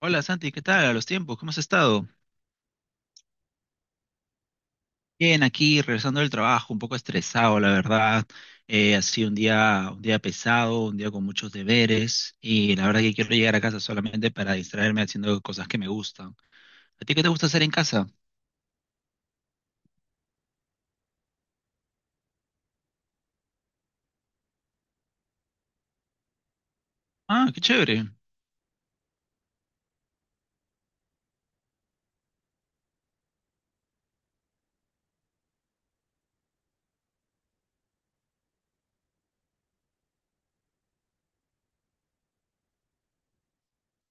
Hola Santi, ¿qué tal? A los tiempos, ¿cómo has estado? Bien, aquí regresando del trabajo, un poco estresado, la verdad. Ha sido un día pesado, un día con muchos deberes y la verdad que quiero llegar a casa solamente para distraerme haciendo cosas que me gustan. ¿A ti qué te gusta hacer en casa? Ah, qué chévere.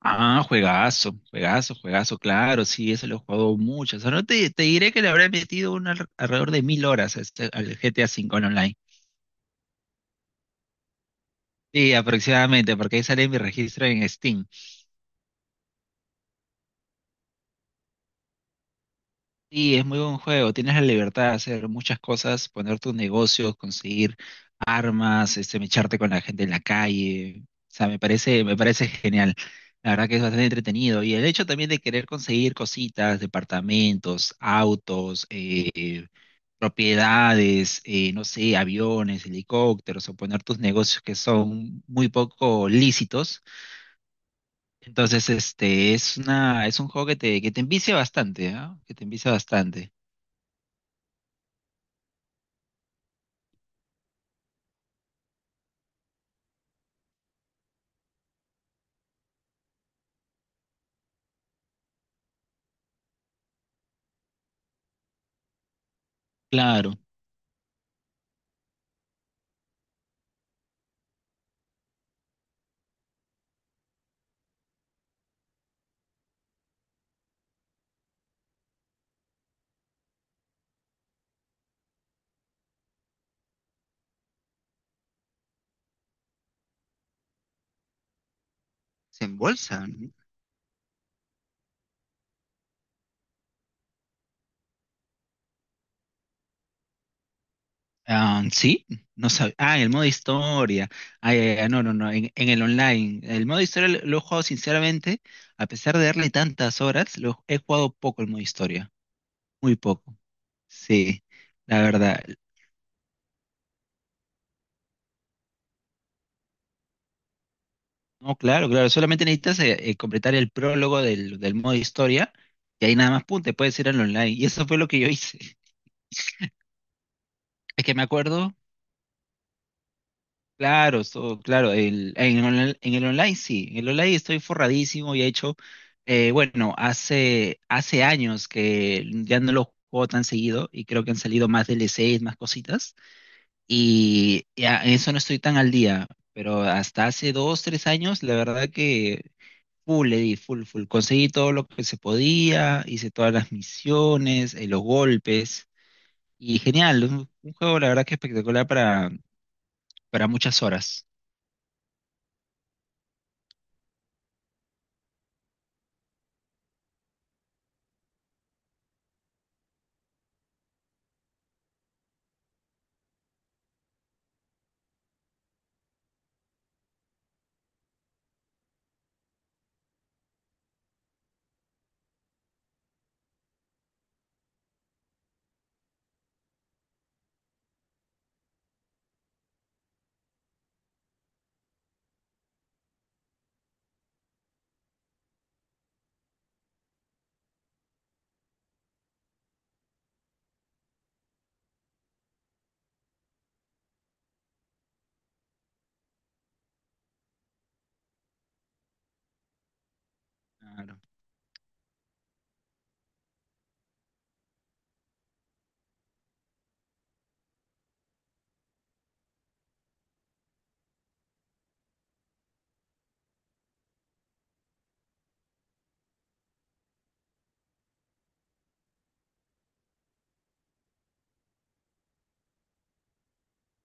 Ah, juegazo, juegazo, juegazo, claro, sí, eso lo he jugado mucho. O sea, no te diré que le habré metido alrededor de 1000 horas a al GTA V en online. Sí, aproximadamente, porque ahí sale mi registro en Steam. Sí, es muy buen juego. Tienes la libertad de hacer muchas cosas, poner tus negocios, conseguir armas, este, mecharte con la gente en la calle. O sea, me parece genial. La verdad que es bastante entretenido. Y el hecho también de querer conseguir cositas, departamentos, autos, propiedades, no sé, aviones, helicópteros, o poner tus negocios que son muy poco lícitos. Entonces, este, es un juego que te envicia bastante, ¿ah? Que te envicia bastante. Claro. Se embolsan. Ah, sí, no sabía. Ah, el modo historia. Ah, ya, ya, no, no, no, en el online. El modo historia lo he jugado sinceramente, a pesar de darle tantas horas, lo he jugado poco el modo historia, muy poco. Sí, la verdad. No, claro, claro, solamente necesitas completar el prólogo del, del modo historia y ahí nada más, pum, te puedes ir al online. Y eso fue lo que yo hice. Es que me acuerdo. Claro, en el online sí, en el online estoy forradísimo y he hecho, bueno, hace años que ya no lo juego tan seguido y creo que han salido más DLCs, más cositas y ya en eso no estoy tan al día, pero hasta hace dos, tres años la verdad que full le di, full, full, conseguí todo lo que se podía, hice todas las misiones, los golpes y genial, un juego la verdad que espectacular para muchas horas.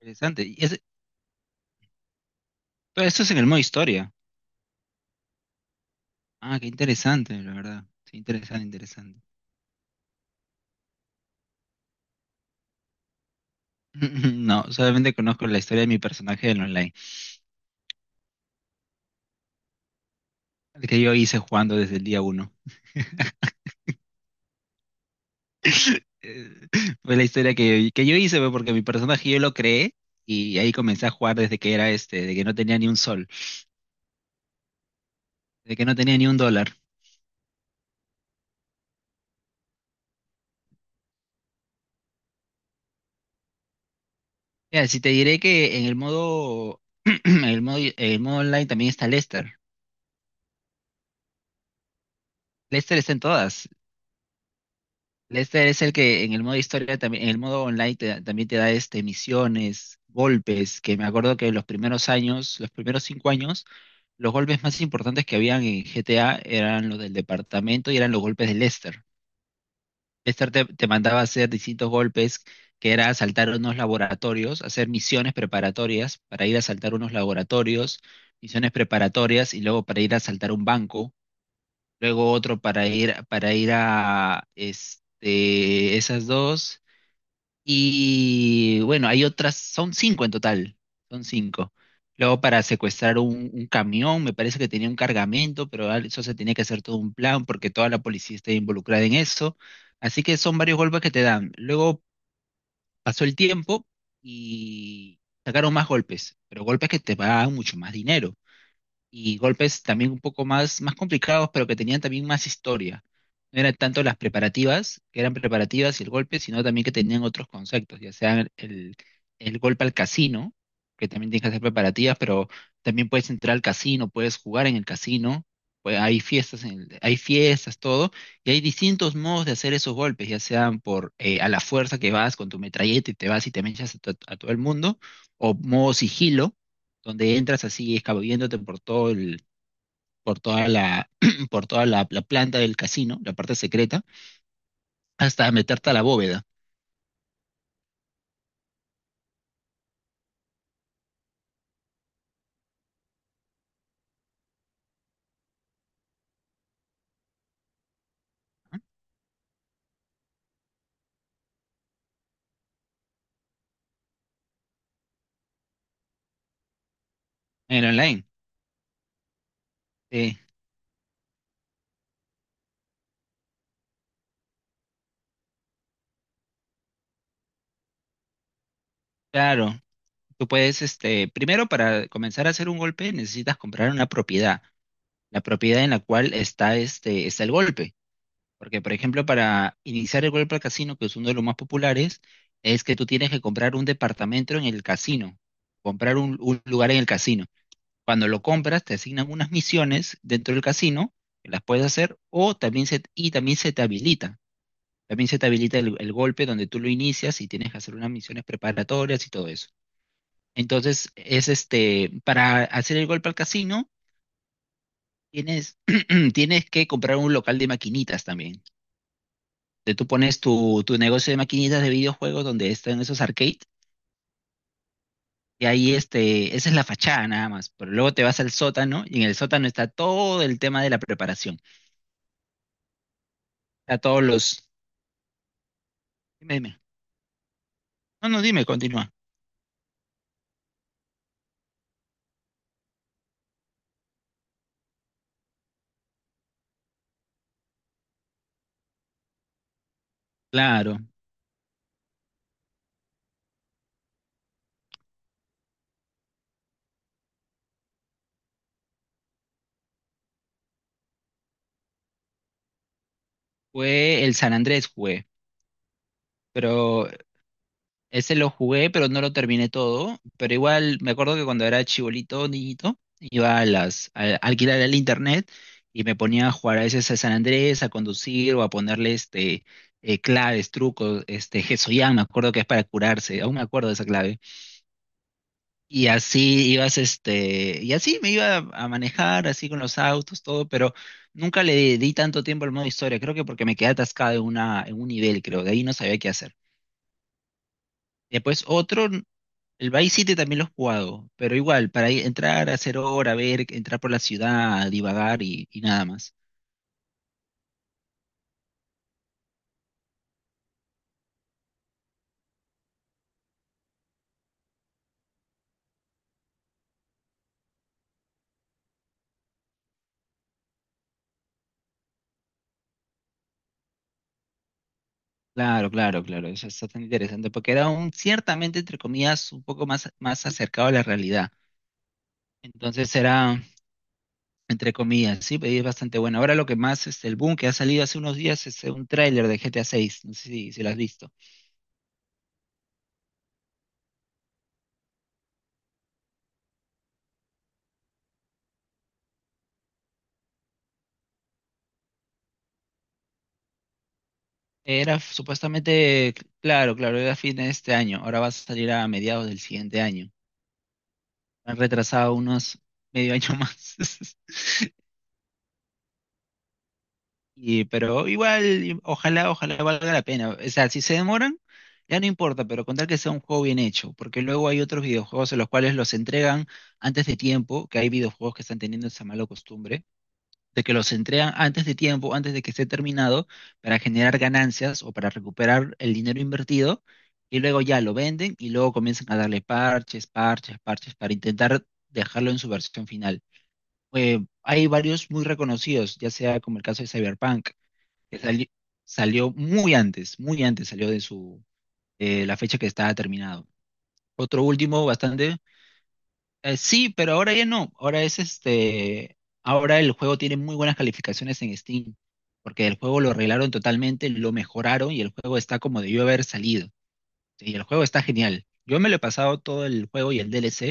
Interesante. Todo eso es en el modo historia. Ah, qué interesante, la verdad. Sí, interesante, interesante. No, solamente conozco la historia de mi personaje del online, el que yo hice jugando desde el día uno. Eh, fue la historia que yo hice, pues, porque mi personaje yo lo creé y ahí comencé a jugar desde que era este, de que no tenía ni un sol, de que no tenía ni un dólar. Mira, si te diré que en el modo, en el modo online también está Lester. Lester está en todas. Lester es el que en el modo historia también, en el modo online también te da este misiones, golpes, que me acuerdo que en los primeros años, los primeros 5 años, los golpes más importantes que habían en GTA eran los del departamento y eran los golpes de Lester. Lester te mandaba a hacer distintos golpes, que era asaltar unos laboratorios, hacer misiones preparatorias para ir a asaltar unos laboratorios, misiones preparatorias y luego para ir a asaltar un banco luego otro para ir a este, esas dos. Y bueno, hay otras, son cinco en total, son cinco. Luego para secuestrar un camión, me parece que tenía un cargamento, pero eso se tenía que hacer todo un plan porque toda la policía está involucrada en eso. Así que son varios golpes que te dan. Luego pasó el tiempo y sacaron más golpes, pero golpes que te pagan mucho más dinero y golpes también un poco más complicados, pero que tenían también más historia. No eran tanto las preparativas, que eran preparativas y el golpe, sino también que tenían otros conceptos, ya sea el golpe al casino, que también tienes que hacer preparativas, pero también puedes entrar al casino, puedes jugar en el casino, pues hay fiestas, hay fiestas, todo, y hay distintos modos de hacer esos golpes, ya sean por a la fuerza que vas con tu metralleta y te vas y te mechas a todo el mundo, o modo sigilo donde entras así escabulléndote por todo el, por toda la, por toda la planta del casino, la parte secreta, hasta meterte a la bóveda en el online. Sí, claro. Tú puedes, este, primero para comenzar a hacer un golpe necesitas comprar una propiedad, la propiedad en la cual está este, está el golpe. Porque, por ejemplo, para iniciar el golpe al casino, que es uno de los más populares, es que tú tienes que comprar un departamento en el casino, comprar un lugar en el casino. Cuando lo compras, te asignan unas misiones dentro del casino, que las puedes hacer, o también se, y también se te habilita. También se te habilita el golpe donde tú lo inicias y tienes que hacer unas misiones preparatorias y todo eso. Entonces, es este, para hacer el golpe al casino, tienes, tienes que comprar un local de maquinitas también. Donde tú pones tu negocio de maquinitas de videojuegos donde están esos arcades. Y ahí este, esa es la fachada nada más. Pero luego te vas al sótano y en el sótano está todo el tema de la preparación. Está todos los, dime, dime. No, no, dime, continúa. Claro, fue el San Andrés jugué, pero ese lo jugué, pero no lo terminé todo. Pero igual me acuerdo que cuando era chibolito, niñito, iba a alquilar el internet y me ponía a jugar a veces a San Andrés, a conducir o a ponerle este claves, trucos, este Hesoyam, me acuerdo que es para curarse, aún me acuerdo de esa clave. Y así ibas, este, y así me iba a manejar, así con los autos, todo, pero nunca le di tanto tiempo al modo historia, creo que porque me quedé atascado en un nivel, creo, de ahí no sabía qué hacer. Después otro, el Vice City también lo he jugado, pero igual, para entrar, hacer hora, ver, entrar por la ciudad, divagar y nada más. Claro, claro, claro, eso está tan interesante, porque era un, ciertamente, entre comillas, un poco más acercado a la realidad. Entonces era entre comillas, sí, pero es bastante bueno. Ahora lo que más, este, el boom que ha salido hace unos días es un tráiler de GTA 6, no sé si lo has visto. Era supuestamente, claro, claro, era fin de este año, ahora va a salir a mediados del siguiente año. Han retrasado unos medio año más. Y, pero igual, ojalá, ojalá valga la pena. O sea, si se demoran, ya no importa, pero con tal que sea un juego bien hecho, porque luego hay otros videojuegos en los cuales los entregan antes de tiempo, que hay videojuegos que están teniendo esa mala costumbre de que los entregan antes de tiempo, antes de que esté terminado, para generar ganancias o para recuperar el dinero invertido, y luego ya lo venden y luego comienzan a darle parches, parches, parches para intentar dejarlo en su versión final. Hay varios muy reconocidos, ya sea como el caso de Cyberpunk, que salió muy antes salió de la fecha que estaba terminado. Otro último bastante sí, pero ahora ya no. Ahora es este. Ahora el juego tiene muy buenas calificaciones en Steam. Porque el juego lo arreglaron totalmente, lo mejoraron y el juego está como debió haber salido. Y el juego está genial. Yo me lo he pasado todo el juego y el DLC.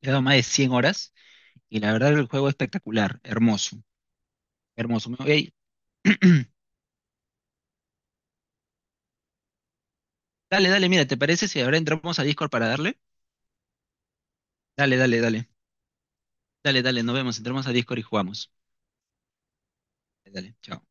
Le he dado más de 100 horas. Y la verdad, el juego es espectacular. Hermoso. Hermoso. Me voy- a- Dale, dale, mira, ¿te parece si ahora entramos a Discord para darle? Dale, dale, dale. Dale, dale, nos vemos. Entramos a Discord y jugamos. Dale, chao.